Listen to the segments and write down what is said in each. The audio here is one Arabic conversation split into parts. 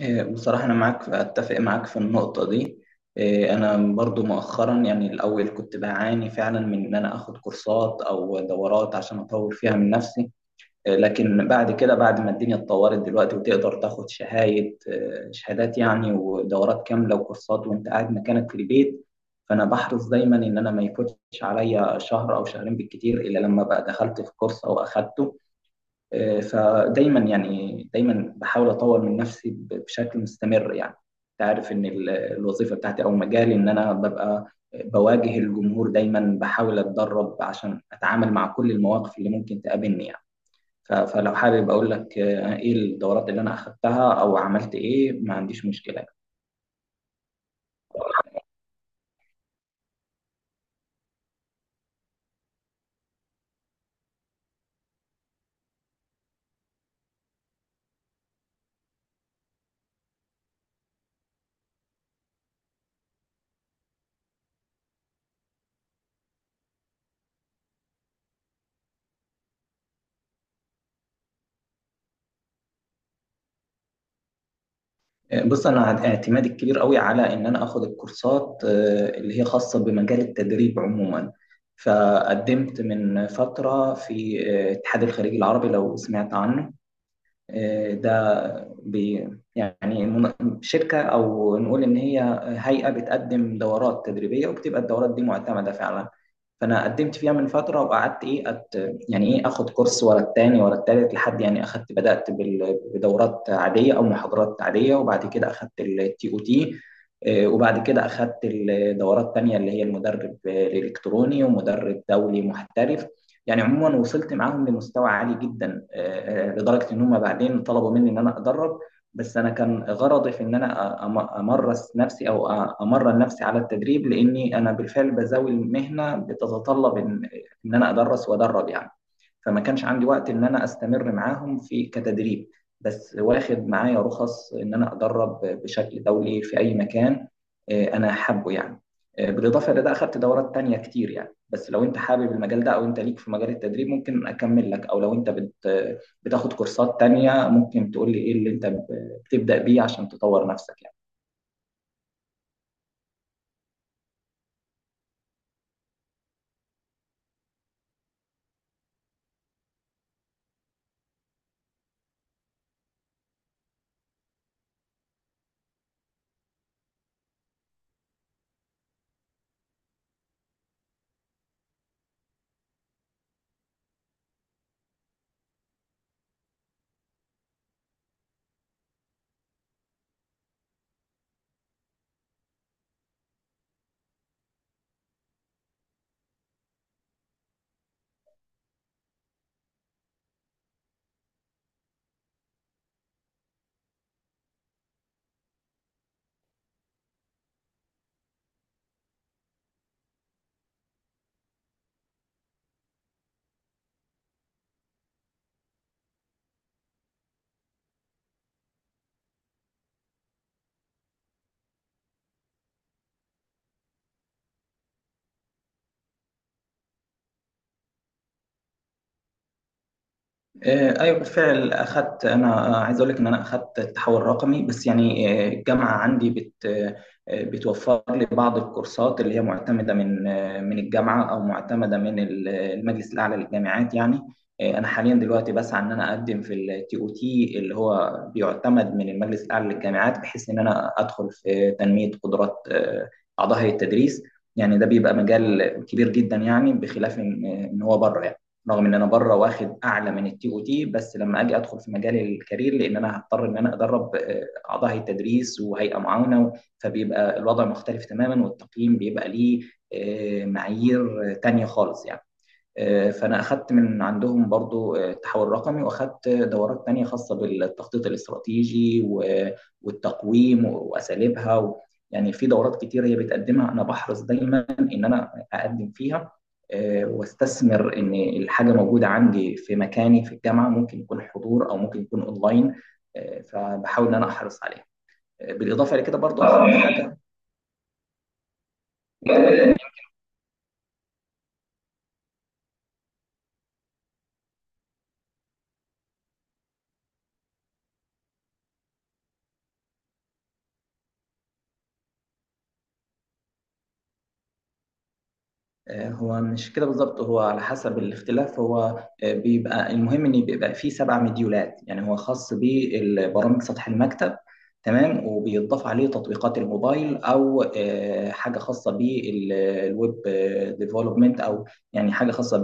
إيه، بصراحة أنا أتفق معاك في النقطة دي. إيه، أنا برضو مؤخرا، يعني الأول كنت بعاني فعلا من إن أنا آخد كورسات أو دورات عشان أطور فيها من نفسي. إيه، لكن بعد كده، بعد ما الدنيا اتطورت دلوقتي، وتقدر تاخد شهايد شهادات يعني، ودورات كاملة وكورسات وأنت قاعد مكانك في البيت. فأنا بحرص دايما إن أنا ما يفوتش عليا شهر أو شهرين بالكتير إلا لما بقى دخلت في كورس أو أخدته. فدايما، يعني دايما، بحاول اطور من نفسي بشكل مستمر يعني. انت عارف ان الوظيفه بتاعتي او مجالي، ان انا ببقى بواجه الجمهور دايما، بحاول اتدرب عشان اتعامل مع كل المواقف اللي ممكن تقابلني يعني. فلو حابب اقول لك ايه الدورات اللي انا اخدتها او عملت ايه، ما عنديش مشكله. بص، انا اعتمادي الكبير قوي على ان انا اخد الكورسات اللي هي خاصه بمجال التدريب عموما. فقدمت من فتره في اتحاد الخليج العربي، لو سمعت عنه. ده، بي- يعني المن- شركة، أو نقول إن هي هيئة بتقدم دورات تدريبية، وبتبقى الدورات دي معتمدة فعلا. فأنا قدمت فيها من فترة وقعدت إيه أت، يعني إيه، آخد كورس ورا التاني ورا التالت، لحد يعني أخدت، بدأت بدورات عادية أو محاضرات عادية، وبعد كده أخدت التي أو تي. وبعد كده أخدت الدورات تانية اللي هي المدرب الإلكتروني ومدرب دولي محترف يعني. عموما وصلت معاهم لمستوى عالي جدا، لدرجه ان هم بعدين طلبوا مني ان انا ادرب. بس انا كان غرضي في ان انا امرس نفسي، او امرن نفسي على التدريب، لاني انا بالفعل بزاوي المهنه بتتطلب ان ان انا ادرس وادرب يعني. فما كانش عندي وقت ان انا استمر معاهم في كتدريب، بس واخد معايا رخص ان انا ادرب بشكل دولي في اي مكان. انا حابه يعني. بالاضافه لده اخدت دورات تانية كتير يعني. بس لو انت حابب المجال ده او انت ليك في مجال التدريب، ممكن اكمل لك. او لو انت بت، بتاخد كورسات تانية، ممكن تقول لي ايه اللي انت تبدا بيه عشان تطور نفسك يعني. ايوه بالفعل اخذت. انا عايز اقول لك ان انا اخذت التحول الرقمي، بس يعني الجامعه عندي بت، بتوفر لي بعض الكورسات اللي هي معتمده من، من الجامعه، او معتمده من المجلس الاعلى للجامعات يعني. انا حاليا دلوقتي بسعى ان انا اقدم في التي او تي، اللي هو بيعتمد من المجلس الاعلى للجامعات، بحيث ان انا ادخل في تنميه قدرات اعضاء هيئه التدريس. يعني ده بيبقى مجال كبير جدا يعني، بخلاف ان إن هو بره يعني. رغم ان انا بره واخد اعلى من التي او تي، بس لما اجي ادخل في مجال الكارير، لان انا هضطر ان انا ادرب اعضاء هيئه تدريس وهيئه معاونه، فبيبقى الوضع مختلف تماما، والتقييم بيبقى ليه معايير تانية خالص يعني. فانا اخدت من عندهم برضو التحول الرقمي، واخدت دورات تانية خاصه بالتخطيط الاستراتيجي و، والتقويم واساليبها و، يعني في دورات كتير هي بتقدمها. انا بحرص دايما ان انا اقدم فيها واستثمر ان الحاجه موجوده عندي في مكاني في الجامعه، ممكن يكون حضور او ممكن يكون اونلاين. فبحاول ان انا احرص عليها. بالاضافه لكده برضو اخد حاجه. هو مش كده بالظبط، هو على حسب الاختلاف. هو بيبقى المهم ان بيبقى فيه سبع مديولات، يعني هو خاص بالبرامج سطح المكتب. تمام، وبيضاف عليه تطبيقات الموبايل، او حاجه خاصه بالويب ديفلوبمنت، او يعني حاجه خاصه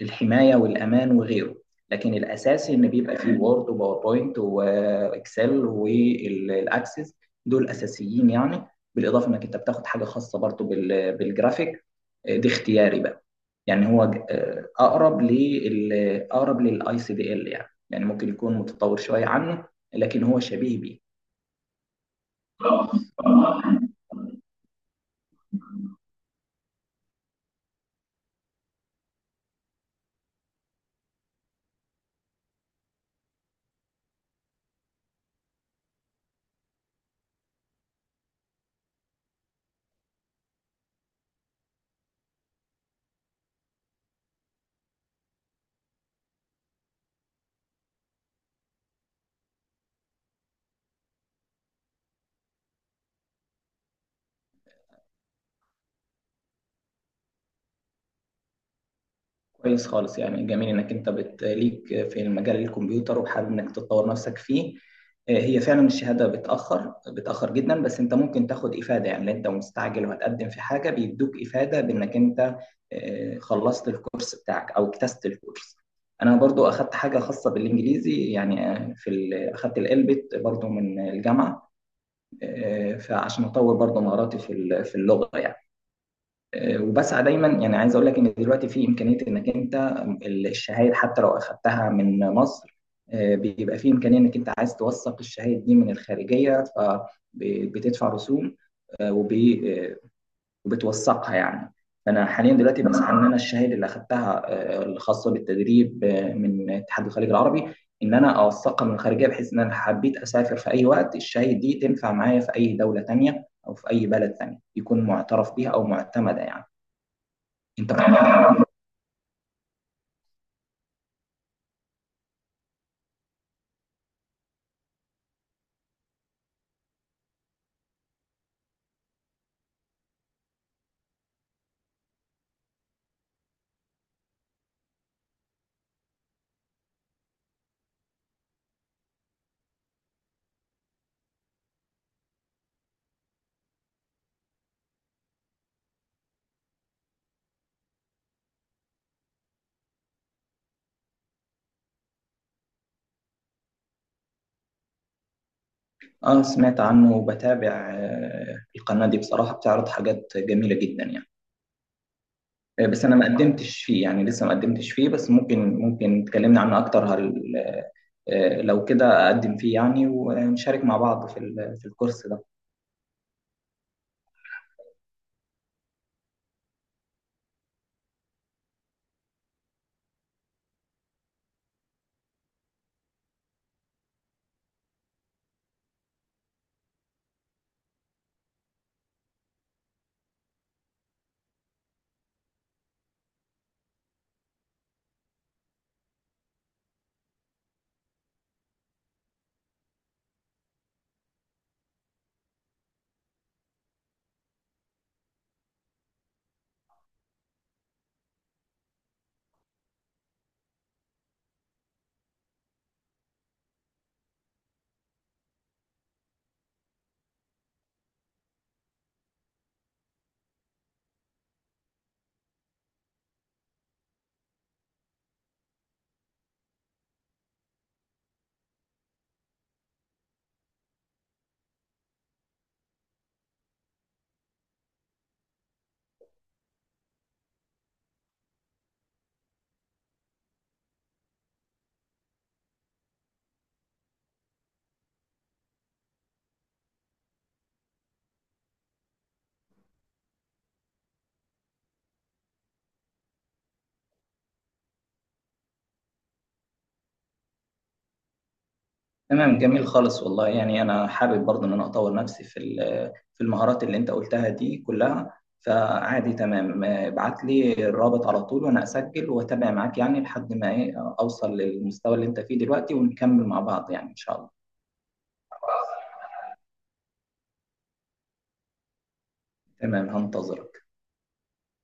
للحمايه والامان وغيره. لكن الاساسي ان بيبقى فيه وورد وباوربوينت واكسل والاكسس، دول اساسيين يعني. بالاضافه انك انت بتاخد حاجه خاصه برضو بالجرافيك، دي اختياري بقى يعني. اقرب لل اقرب للاي سي دي ال، يعني ممكن يكون متطور شويه عنه، لكن هو شبيه بيه. كويس خالص يعني. جميل انك انت ليك في المجال الكمبيوتر وحابب انك تطور نفسك فيه. هي فعلا الشهاده بتاخر بتاخر جدا. بس انت ممكن تاخد افاده يعني، لو انت مستعجل وهتقدم في حاجه بيدوك افاده بانك انت خلصت الكورس بتاعك او اجتزت الكورس. انا برضو اخدت حاجه خاصه بالانجليزي يعني. اخدت الالبت برضو من الجامعه. فعشان اطور برضو مهاراتي في اللغه يعني. وبسعى دايما، يعني عايز اقول لك ان دلوقتي في امكانيه انك انت الشهايد حتى لو اخذتها من مصر، بيبقى في امكانيه انك انت عايز توثق الشهايد دي من الخارجيه فبتدفع رسوم، آه، وب- آه، وبتوثقها يعني. فانا حاليا دلوقتي بسعى ان انا الشهاده اللي اخذتها الخاصه بالتدريب من اتحاد الخليج العربي، ان انا اوثقها من الخارجيه، بحيث ان انا حبيت اسافر في اي وقت، الشهاده دي تنفع معايا في اي دوله تانيه او في اي بلد تاني، يكون معترف بيها او معتمده يعني. انت بتتابع؟ اه، سمعت عنه وبتابع القناة دي، بصراحة بتعرض حاجات جميلة جدا يعني. بس انا ما قدمتش فيه يعني، لسه ما قدمتش فيه، بس ممكن، تكلمنا عنه اكتر، هل لو كده اقدم فيه يعني، ونشارك مع بعض في الكورس ده. تمام، جميل خالص والله يعني. انا حابب برضه ان انا اطور نفسي في المهارات اللي انت قلتها دي كلها. فعادي تمام، ابعت لي الرابط على طول وانا اسجل واتابع معاك يعني، لحد ما ايه، اوصل للمستوى اللي انت فيه دلوقتي، ونكمل مع بعض يعني ان شاء الله. تمام، هنتظرك.